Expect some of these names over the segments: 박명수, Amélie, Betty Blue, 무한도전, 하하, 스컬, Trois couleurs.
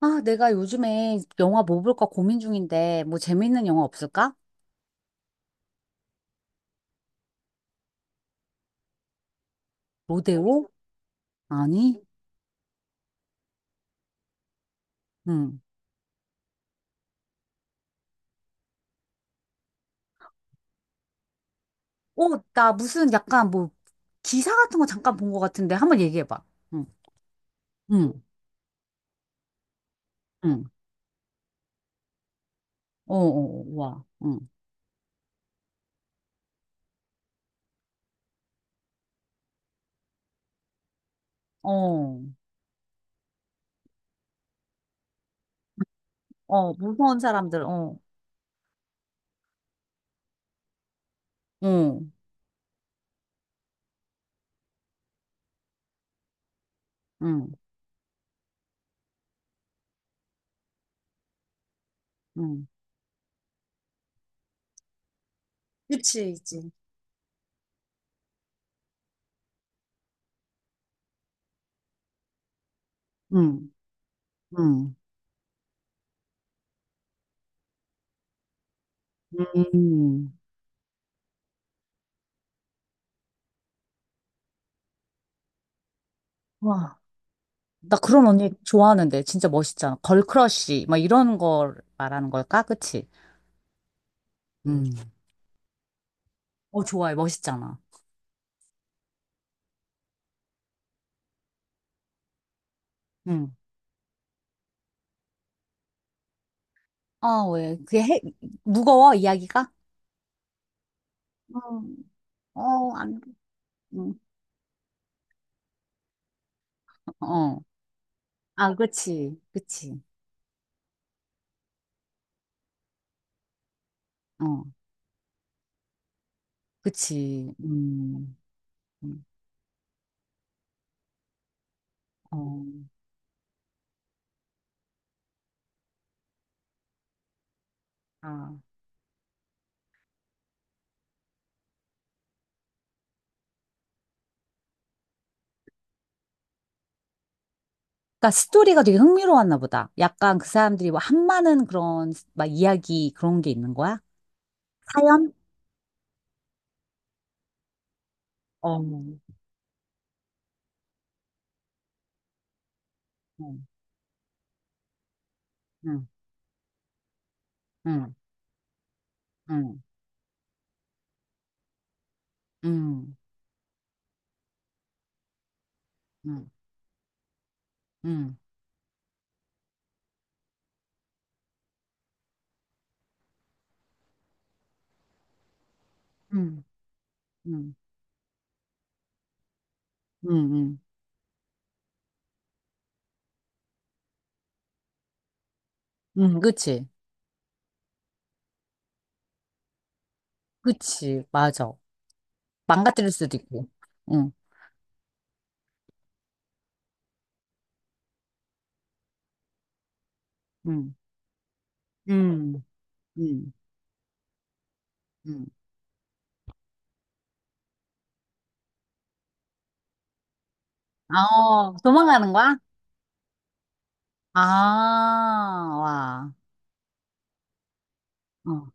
아, 내가 요즘에 영화 뭐 볼까 고민 중인데, 뭐 재밌는 영화 없을까? 로데오? 아니? 응. 어, 나 무슨 약간 뭐 기사 같은 거 잠깐 본 것 같은데, 한번 얘기해봐. 응, 응, 응. 어, 어, 어, 와, 응. 어, 어, 무서운 사람들, 어, 어, 응, 응, 그치, 있지. 응, 응, 음. 와, 나 그런 언니 좋아하는데, 진짜 멋있잖아. 걸크러쉬, 막 이런 걸 말하는 걸까? 그치? 응. 어, 좋아요. 멋있잖아. 응. 어, 왜? 그게 해, 무거워, 이야기가? 음, 어, 안, 음, 어. 아, 그치. 그치. 어, 그치. 음. 음, 어. 아. 그러니까 스토리가 되게 흥미로웠나 보다. 약간 그 사람들이 뭐 한마는 그런 막 이야기 그런 게 있는 거야? 사연? 어. 응. 응. 응. 응. 응. 응. 응. 응. 응. 응. 응. 응. 그치. 그치. 맞아. 망가뜨릴 수도 있고. 응, 응, 응, 응, 응. 아, 어, 도망가는 거야? 아, 와. 어,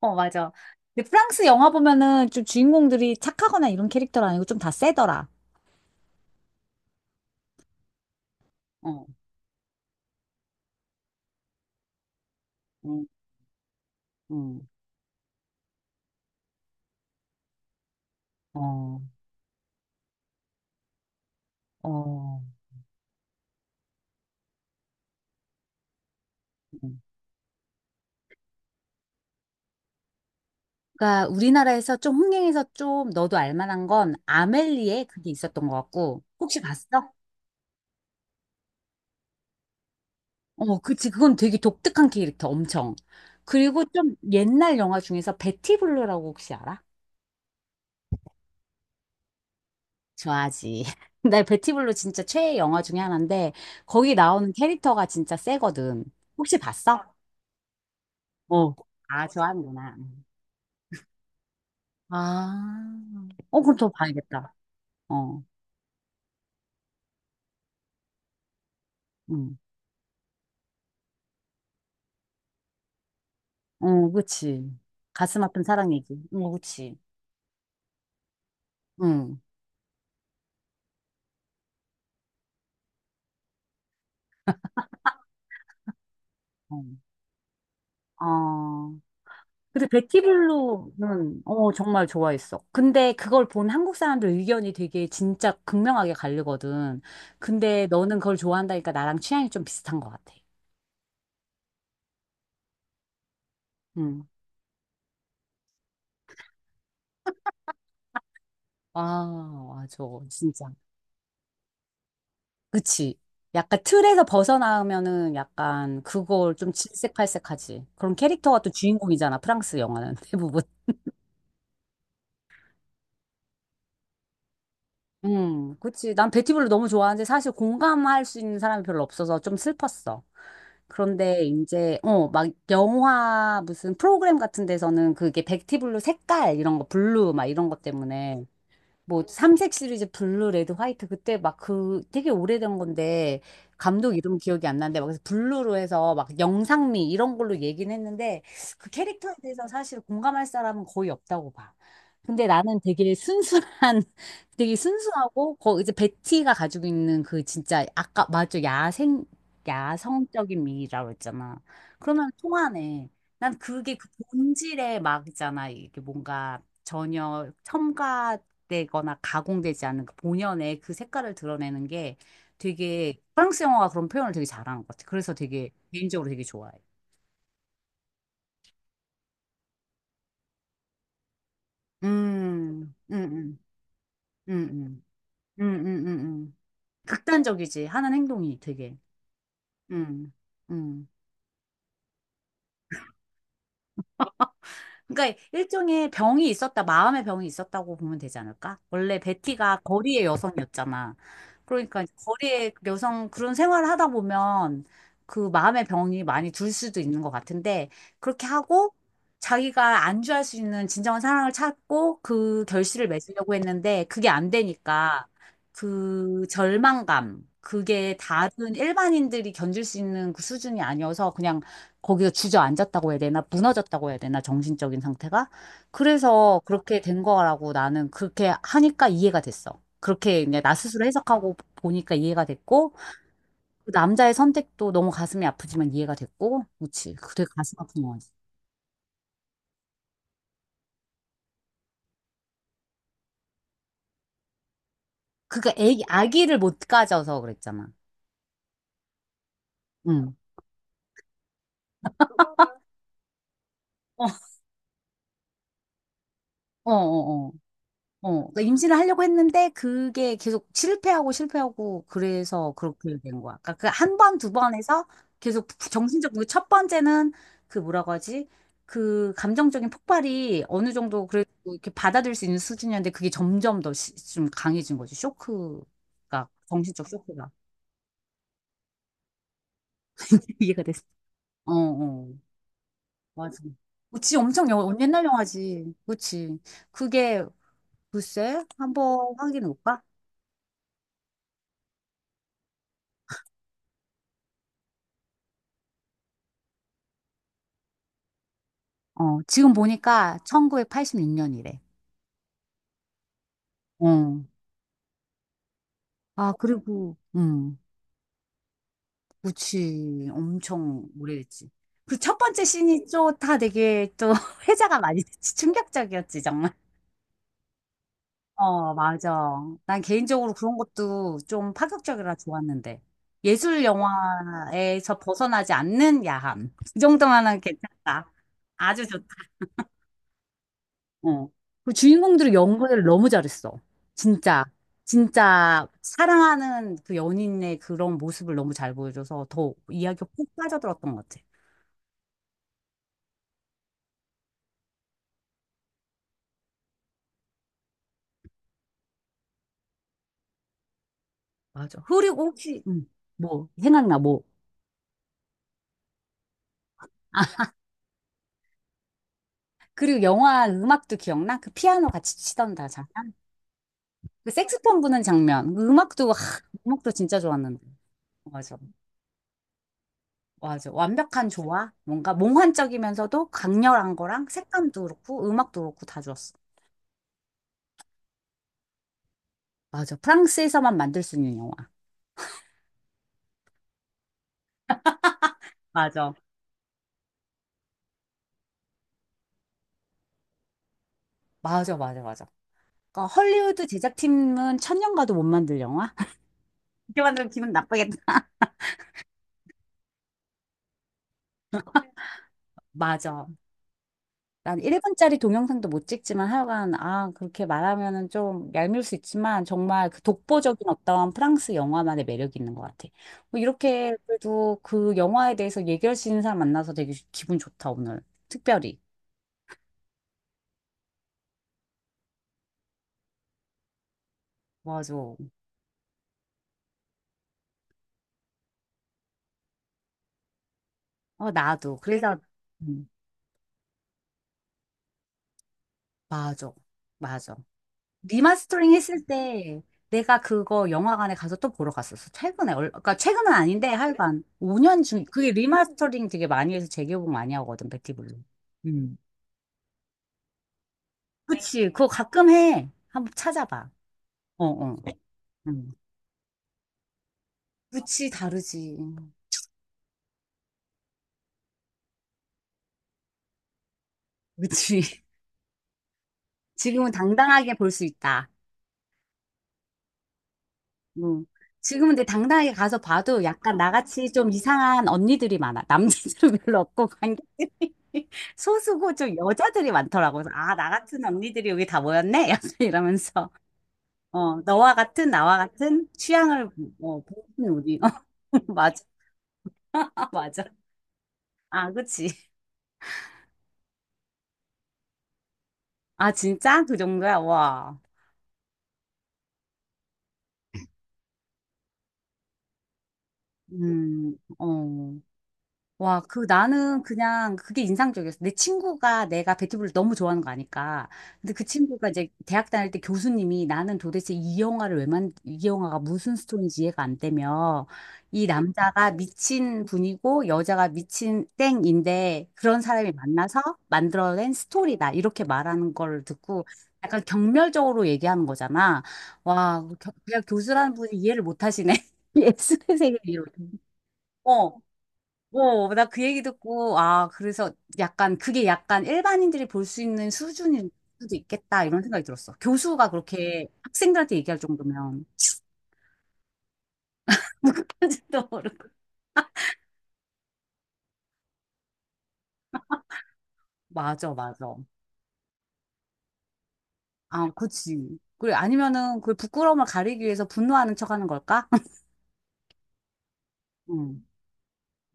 어, 맞아. 근데 프랑스 영화 보면은 좀 주인공들이 착하거나 이런 캐릭터는 아니고 좀 다 세더라. 어, 응, 응, 어, 어. 응. 그러니까 우리나라에서 좀 흥행해서 좀 너도 알 만한 건 아멜리에, 그게 있었던 것 같고. 혹시 봤어? 어, 그치. 그건 되게 독특한 캐릭터, 엄청. 그리고 좀 옛날 영화 중에서 베티 블루라고 혹시 알아? 좋아하지. 나 베티 블루 진짜 최애 영화 중에 하나인데, 거기 나오는 캐릭터가 진짜 세거든. 혹시 봤어? 어. 아, 좋아하는구나. 아. 어, 그럼 더 봐야겠다. 어, 응. 어, 그치. 가슴 아픈 사랑 얘기. 어, 그치. 응. 응. 어. 근데 베티블루는 어 정말 좋아했어. 근데 그걸 본 한국 사람들 의견이 되게 진짜 극명하게 갈리거든. 근데 너는 그걸 좋아한다니까 나랑 취향이 좀 비슷한 것 같아. 응. 아, 맞아. 진짜. 그치. 약간 틀에서 벗어나면은 약간 그걸 좀 질색팔색하지. 그런 캐릭터가 또 주인공이잖아. 프랑스 영화는 대부분. 그치. 난 베티블루 너무 좋아하는데 사실 공감할 수 있는 사람이 별로 없어서 좀 슬펐어. 그런데 이제, 어, 막 영화 무슨 프로그램 같은 데서는 그게 베티블루 색깔 이런 거, 블루 막 이런 것 때문에 뭐 삼색 시리즈 블루, 레드, 화이트 그때 막 그 되게 오래된 건데 감독 이름 기억이 안 나는데 막 그래서 블루로 해서 막 영상미 이런 걸로 얘기는 했는데 그 캐릭터에 대해서 사실 공감할 사람은 거의 없다고 봐. 근데 나는 되게 순수한 되게 순수하고 거 이제 베티가 가지고 있는 그 진짜 아까 맞죠? 야생 야성적인 미라고 했잖아. 그러면 통하네. 난 그게 그 본질의 막 있잖아. 이게 뭔가 전혀 첨가 되거나 가공되지 않은 그 본연의 그 색깔을 드러내는 게 되게 프랑스 영화가 그런 표현을 되게 잘하는 것 같아. 그래서 되게 개인적으로 되게 좋아해. 음, 음, 음, 음, 음, 음. 극단적이지. 하는 행동이 되게. 음, 음. 그러니까 일종의 병이 있었다, 마음의 병이 있었다고 보면 되지 않을까? 원래 베티가 거리의 여성이었잖아. 그러니까 이제 거리의 여성 그런 생활을 하다 보면 그 마음의 병이 많이 들 수도 있는 것 같은데 그렇게 하고 자기가 안주할 수 있는 진정한 사랑을 찾고 그 결실을 맺으려고 했는데 그게 안 되니까 그 절망감 그게 다른 일반인들이 견딜 수 있는 그 수준이 아니어서 그냥 거기서 주저앉았다고 해야 되나? 무너졌다고 해야 되나? 정신적인 상태가? 그래서 그렇게 된 거라고 나는 그렇게 하니까 이해가 됐어. 그렇게 이제 나 스스로 해석하고 보니까 이해가 됐고, 그 남자의 선택도 너무 가슴이 아프지만 이해가 됐고, 그지그 되게 가슴 아픈 거지. 그니까 애기, 아기를 못 가져서 그랬잖아. 응. 어, 어, 어. 어, 그러니까 임신을 하려고 했는데 그게 계속 실패하고 실패하고 그래서 그렇게 된 거야. 그러니까 그 한 번, 두 번 해서 계속 정신적, 그첫 번째는 그 뭐라고 하지? 그 감정적인 폭발이 어느 정도 그래도 이렇게 받아들일 수 있는 수준이었는데 그게 점점 더 좀 강해진 거지. 쇼크가, 정신적 쇼크가. 이해가 됐어. 어, 어, 맞아. 그치, 엄청 영, 옛날 영화지. 그치. 그게, 글쎄, 한번 확인해볼까? 어, 지금 보니까 1986년이래. 어. 아, 그리고, 그치. 엄청 오래됐지. 그 첫 번째 씬이 또다 되게 또 회자가 많이 됐지. 충격적이었지, 정말. 어, 맞아. 난 개인적으로 그런 것도 좀 파격적이라 좋았는데. 예술 영화에서 벗어나지 않는 야함. 그 정도만은 괜찮다. 아주 좋다. 어. 그 주인공들이 연기를 너무 잘했어. 진짜, 진짜 사랑하는 그 연인의 그런 모습을 너무 잘 보여줘서 더 이야기가 푹 빠져들었던 것 같아. 맞아. 그리고 혹시, 뭐, 생각나, 뭐. 아, 그리고 영화 음악도 기억나? 그 피아노 같이 치던 다 장면? 그 색소폰 부는 장면. 그 음악도, 하, 음악도 진짜 좋았는데. 맞아. 맞아. 완벽한 조화? 뭔가 몽환적이면서도 강렬한 거랑 색감도 그렇고 음악도 그렇고 다 좋았어. 맞아. 프랑스에서만 만들 수 있는 영화. 맞아. 맞아, 맞아, 맞아. 그러니까 헐리우드 제작팀은 천년 가도 못 만들 영화? 이렇게 만들면 기분 나쁘겠다. 맞아. 난 1분짜리 동영상도 못 찍지만 하여간, 아, 그렇게 말하면은 좀 얄미울 수 있지만, 정말 그 독보적인 어떤 프랑스 영화만의 매력이 있는 것 같아. 뭐 이렇게 그래도 그 영화에 대해서 얘기할 수 있는 사람 만나서 되게 기분 좋다, 오늘. 특별히. 맞아. 어, 나도. 그래서, 음, 맞아. 맞아. 리마스터링 했을 때 내가 그거 영화관에 가서 또 보러 갔었어. 최근에. 얼- 그러니까 최근은 아닌데 하여간 5년 중 그게 리마스터링 되게 많이 해서 재개봉 많이 하거든. 백티블루. 음. 그치. 그거 가끔 해. 한번 찾아봐. 어, 어. 음. 그치, 다르지. 그치. 지금은 당당하게 볼 수 있다. 뭐 지금은 근데 당당하게 가서 봐도 약간 나같이 좀 이상한 언니들이 많아. 남자들은 별로 없고 관객들이 소수고 좀 여자들이 많더라고. 그래서 아, 나 같은 언니들이 여기 다 모였네? 약간 이러면서 어, 너와 같은 나와 같은 취향을 어, 보는 우리. 어, 맞아. 맞아. 아, 그치. 아, 진짜? 그 정도야? 와. 어. 와, 그 나는 그냥 그게 인상적이었어. 내 친구가 내가 배티브를 너무 좋아하는 거 아니까. 근데 그 친구가 이제 대학 다닐 때 교수님이 나는 도대체 이 영화를 왜 만, 이 영화가 무슨 스토리인지 이해가 안 되며 이 남자가 미친 분이고 여자가 미친 땡인데 그런 사람이 만나서 만들어낸 스토리다. 이렇게 말하는 걸 듣고 약간 경멸적으로 얘기하는 거잖아. 와, 그 겨- 그냥 교수라는 분이 이해를 못 하시네. 예술의 세계를 이렇게. 어, 어, 나 그 얘기 듣고, 아, 그래서 약간, 그게 약간 일반인들이 볼 수 있는 수준일 수도 있겠다, 이런 생각이 들었어. 교수가 그렇게 학생들한테 얘기할 정도면, 무구까지도 모르고. 맞아, 맞아. 아, 그치. 그래, 아니면은, 그 부끄러움을 가리기 위해서 분노하는 척 하는 걸까? 응,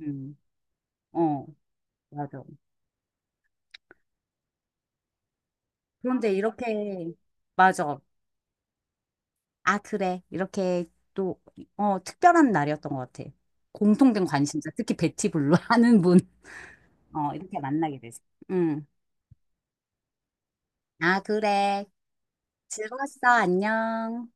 응, 어, 맞아. 그런데 이렇게, 맞아. 아, 그래. 이렇게 또, 어, 특별한 날이었던 것 같아. 공통된 관심사, 특히 베티 블루 하는 분. 어, 이렇게 만나게 됐어. 응. 아, 그래. 즐거웠어. 안녕.